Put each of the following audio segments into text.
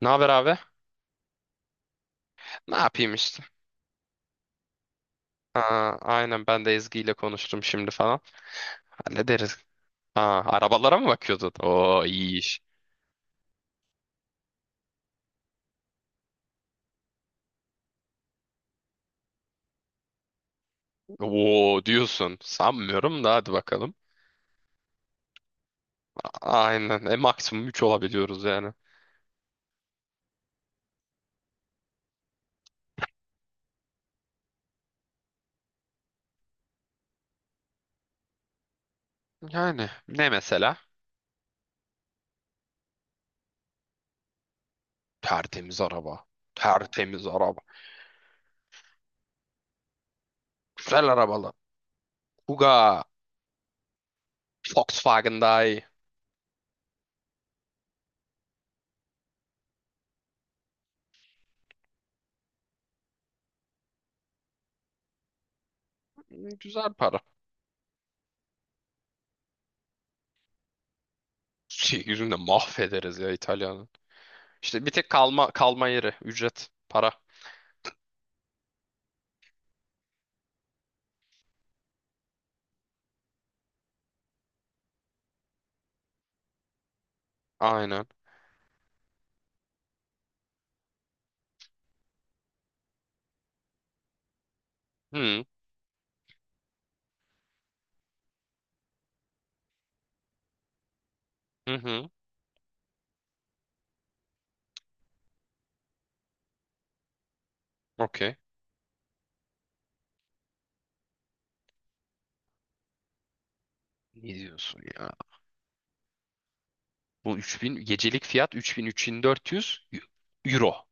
Ne haber abi? Ne yapayım işte. Aa, aynen ben de Ezgi ile konuştum şimdi falan. Hallederiz. Aa, arabalara mı bakıyordun? Oo iyi iş. Oo diyorsun. Sanmıyorum da hadi bakalım. Aynen. Maksimum üç olabiliyoruz yani. Yani ne mesela? Tertemiz araba. Tertemiz araba. Güzel arabalı. Kuga. Volkswagen daha iyi. Güzel para. Şey yüzünde mahvederiz ya İtalya'nın. İşte bir tek kalma kalma yeri. Ücret. Para. Aynen. Hı hı. Hı. Okey. Ne diyorsun ya? Bu 3000 gecelik fiyat, 3000 3400 euro.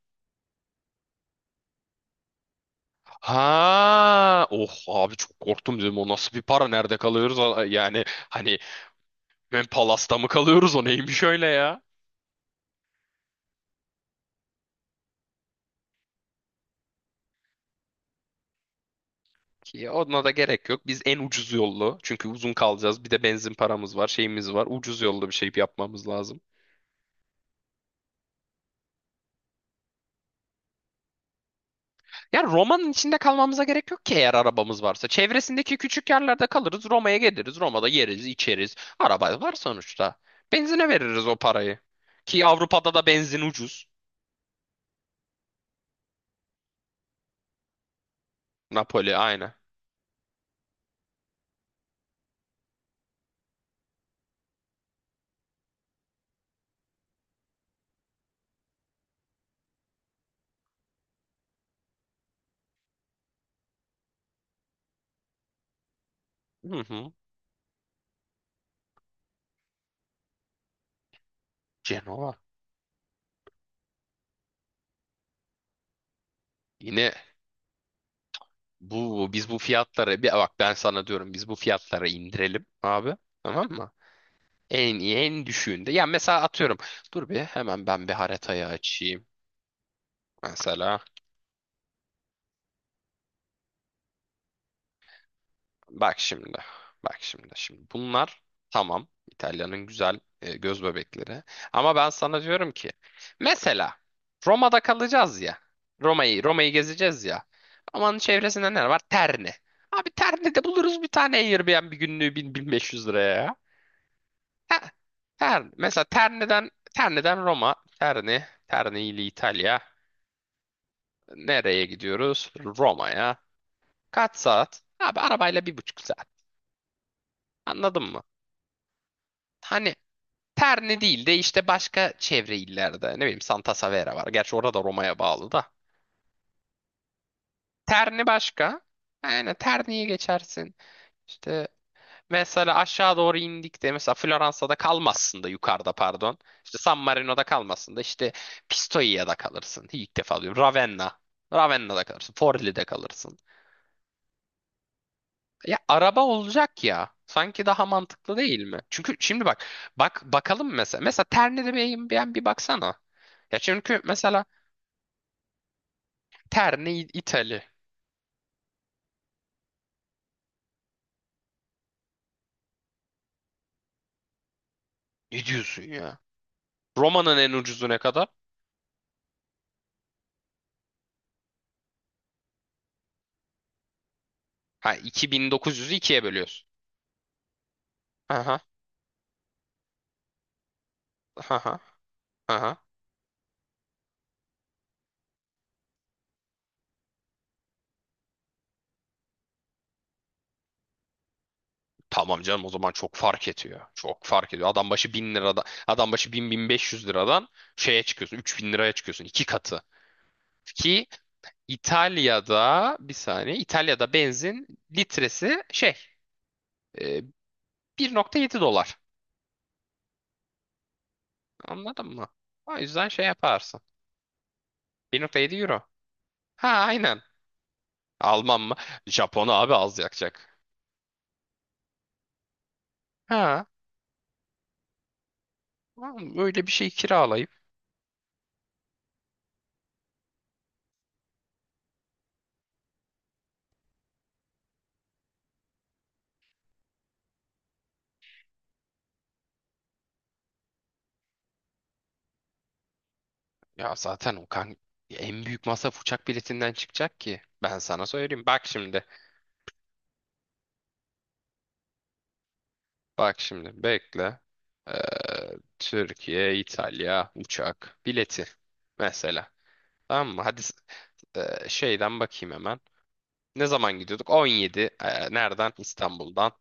Ha, oh abi, çok korktum, dedim o nasıl bir para, nerede kalıyoruz? Yani hani ben Palas'ta mı kalıyoruz, o neymiş öyle ya? Ki ona da gerek yok. Biz en ucuz yollu, çünkü uzun kalacağız. Bir de benzin paramız var, şeyimiz var. Ucuz yollu bir şey yapmamız lazım. Ya Roma'nın içinde kalmamıza gerek yok ki eğer arabamız varsa. Çevresindeki küçük yerlerde kalırız, Roma'ya geliriz, Roma'da yeriz, içeriz. Araba var sonuçta. Benzine veririz o parayı. Ki Avrupa'da da benzin ucuz. Napoli aynı. Hı hı. Cenova. Yine bu biz bu fiyatları bir bak, ben sana diyorum, biz bu fiyatları indirelim abi. Tamam mı? En iyi en düşüğünde. Ya mesela atıyorum. Dur bir hemen ben bir haritayı açayım. Mesela. Bak şimdi. Bak şimdi. Şimdi bunlar tamam. İtalya'nın güzel göz bebekleri. Ama ben sana diyorum ki mesela Roma'da kalacağız ya. Roma'yı Roma'yı gezeceğiz ya. Roma'nın çevresinde ne var? Terni. Abi Terni'de buluruz bir tane Airbnb günlüğü 1000-1500 liraya ya. Ha, Terni. Mesela Terni'den Terni'den Roma, Terni, Terni ile İtalya. Nereye gidiyoruz? Roma'ya. Kaç saat? Abi arabayla 1,5 saat. Anladın mı? Hani Terni değil de işte başka çevre illerde. Ne bileyim, Santa Severa var. Gerçi orada da Roma'ya bağlı da. Terni başka. Yani Terni'ye geçersin. İşte mesela aşağı doğru indik de mesela Floransa'da kalmazsın da yukarıda pardon. İşte San Marino'da kalmazsın da işte Pistoia'da kalırsın. İlk defa diyorum. Ravenna. Ravenna'da kalırsın. Forlì'de kalırsın. Ya araba olacak ya. Sanki daha mantıklı değil mi? Çünkü şimdi bak bak bakalım mesela. Mesela Terni'de beyin bir bir baksana. Ya çünkü mesela Terni İtali. Ne diyorsun ya? Roma'nın en ucuzu ne kadar? Ha, 2900'ü ikiye bölüyorsun. Aha. Aha. Aha. Tamam canım, o zaman çok fark ediyor. Çok fark ediyor. Adam başı 1.000 liradan, adam başı bin 1.500 liradan şeye çıkıyorsun. 3.000 liraya çıkıyorsun. İki katı. Ki İtalya'da bir saniye, İtalya'da benzin litresi şey e, 1,7 dolar. Anladın mı? O yüzden şey yaparsın. 1,7 euro. Ha aynen. Alman mı? Japon abi az yakacak. Ha, oğlum öyle bir şey kiralayıp ya zaten o kan en büyük masraf uçak biletinden çıkacak ki. Ben sana söyleyeyim. Bak şimdi. Bak şimdi. Bekle. Ee, Türkiye, İtalya uçak bileti mesela. Tamam mı? Hadi şeyden bakayım hemen. Ne zaman gidiyorduk? 17. Nereden? İstanbul'dan.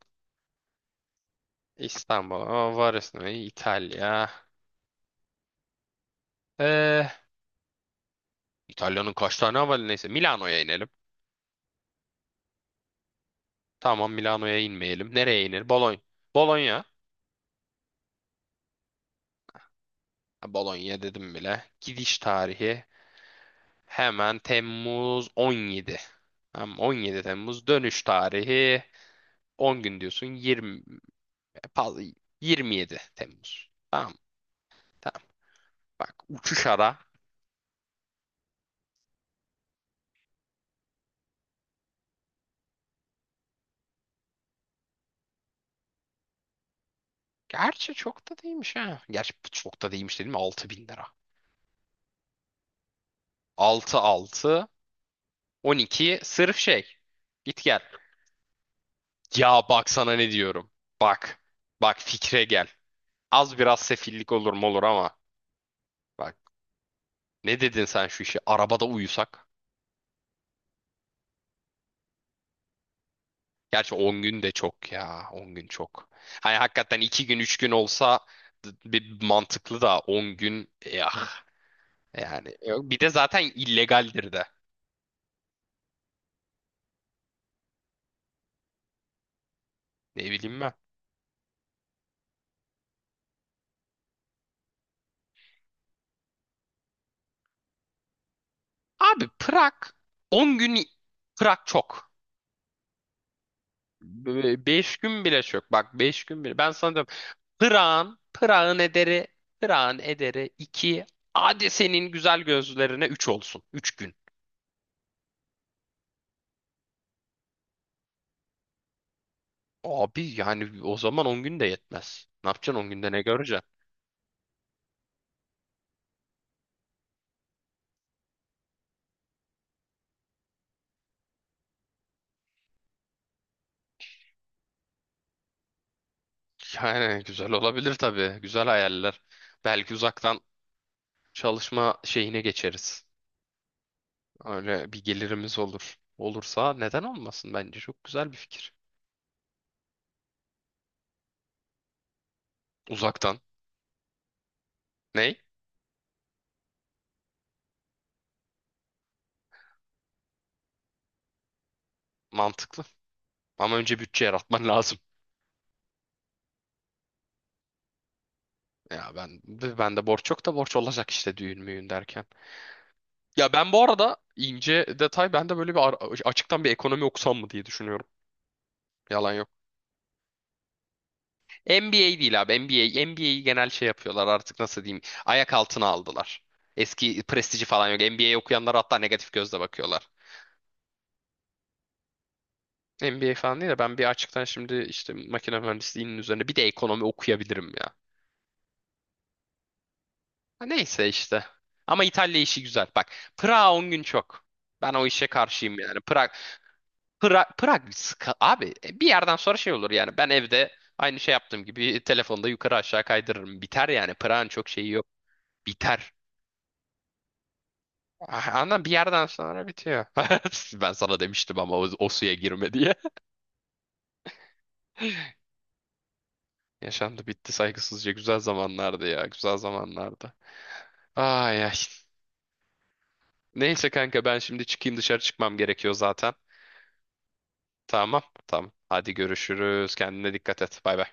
İstanbul. Varisno, İtalya. Ee, İtalya'nın kaç tane havalı neyse. Milano'ya inelim. Tamam, Milano'ya inmeyelim. Nereye inelim? Bologna. Bologna. Bologna dedim bile. Gidiş tarihi hemen Temmuz 17. Tamam, 17 Temmuz dönüş tarihi 10 gün diyorsun, 20, pardon, 27 Temmuz. Tamam tamam, bak uçuş ara. Gerçi çok da değilmiş ha. Gerçi çok da değilmiş dedim, 6.000 lira. 6 6 12 sırf şey. Git gel. Ya bak sana ne diyorum. Bak. Bak fikre gel. Az biraz sefillik olur mu, olur ama. Bak. Ne dedin sen şu işi? Arabada uyusak? Gerçi 10 gün de çok ya. On gün çok. Hani hakikaten 2 gün 3 gün olsa bir mantıklı, da 10 gün ya yani. Yok, bir de zaten illegaldir de. Ne bileyim ben. Abi Prag 10 gün, Prag çok. 5 gün bile çok. Bak, 5 gün bile. Ben sana diyorum. Prag'ın Prag'ın ederi Prag'ın ederi 2, hadi senin güzel gözlerine 3 olsun. 3 gün. Abi yani o zaman 10 gün de yetmez. Ne yapacaksın 10 günde, ne göreceksin? Yani güzel olabilir tabii. Güzel hayaller. Belki uzaktan çalışma şeyine geçeriz. Öyle bir gelirimiz olur. Olursa neden olmasın? Bence çok güzel bir fikir. Uzaktan. Ney? Mantıklı. Ama önce bütçe yaratman lazım. Ya ben de borç, çok da borç olacak işte düğün müğün derken. Ya ben bu arada ince detay, ben de böyle bir açıktan bir ekonomi okusam mı diye düşünüyorum. Yalan yok. NBA değil abi, NBA. NBA'yi genel şey yapıyorlar artık, nasıl diyeyim. Ayak altına aldılar. Eski prestiji falan yok. NBA okuyanlar hatta negatif gözle bakıyorlar. NBA falan değil de ben bir açıktan şimdi işte makine mühendisliğinin üzerine bir de ekonomi okuyabilirim ya. Ha, neyse işte. Ama İtalya işi güzel. Bak, Prag 10 gün çok. Ben o işe karşıyım yani. Prag, Prag, abi bir yerden sonra şey olur yani. Ben evde aynı şey yaptığım gibi telefonda yukarı aşağı kaydırırım. Biter yani. Prag'ın çok şeyi yok. Biter. Ah, ama bir yerden sonra bitiyor. Ben sana demiştim ama o suya girme diye. Yaşandı bitti saygısızca. Güzel zamanlardı ya. Güzel zamanlardı. Ay ay. Neyse kanka, ben şimdi çıkayım, dışarı çıkmam gerekiyor zaten. Tamam. Tamam. Hadi görüşürüz. Kendine dikkat et. Bay bay.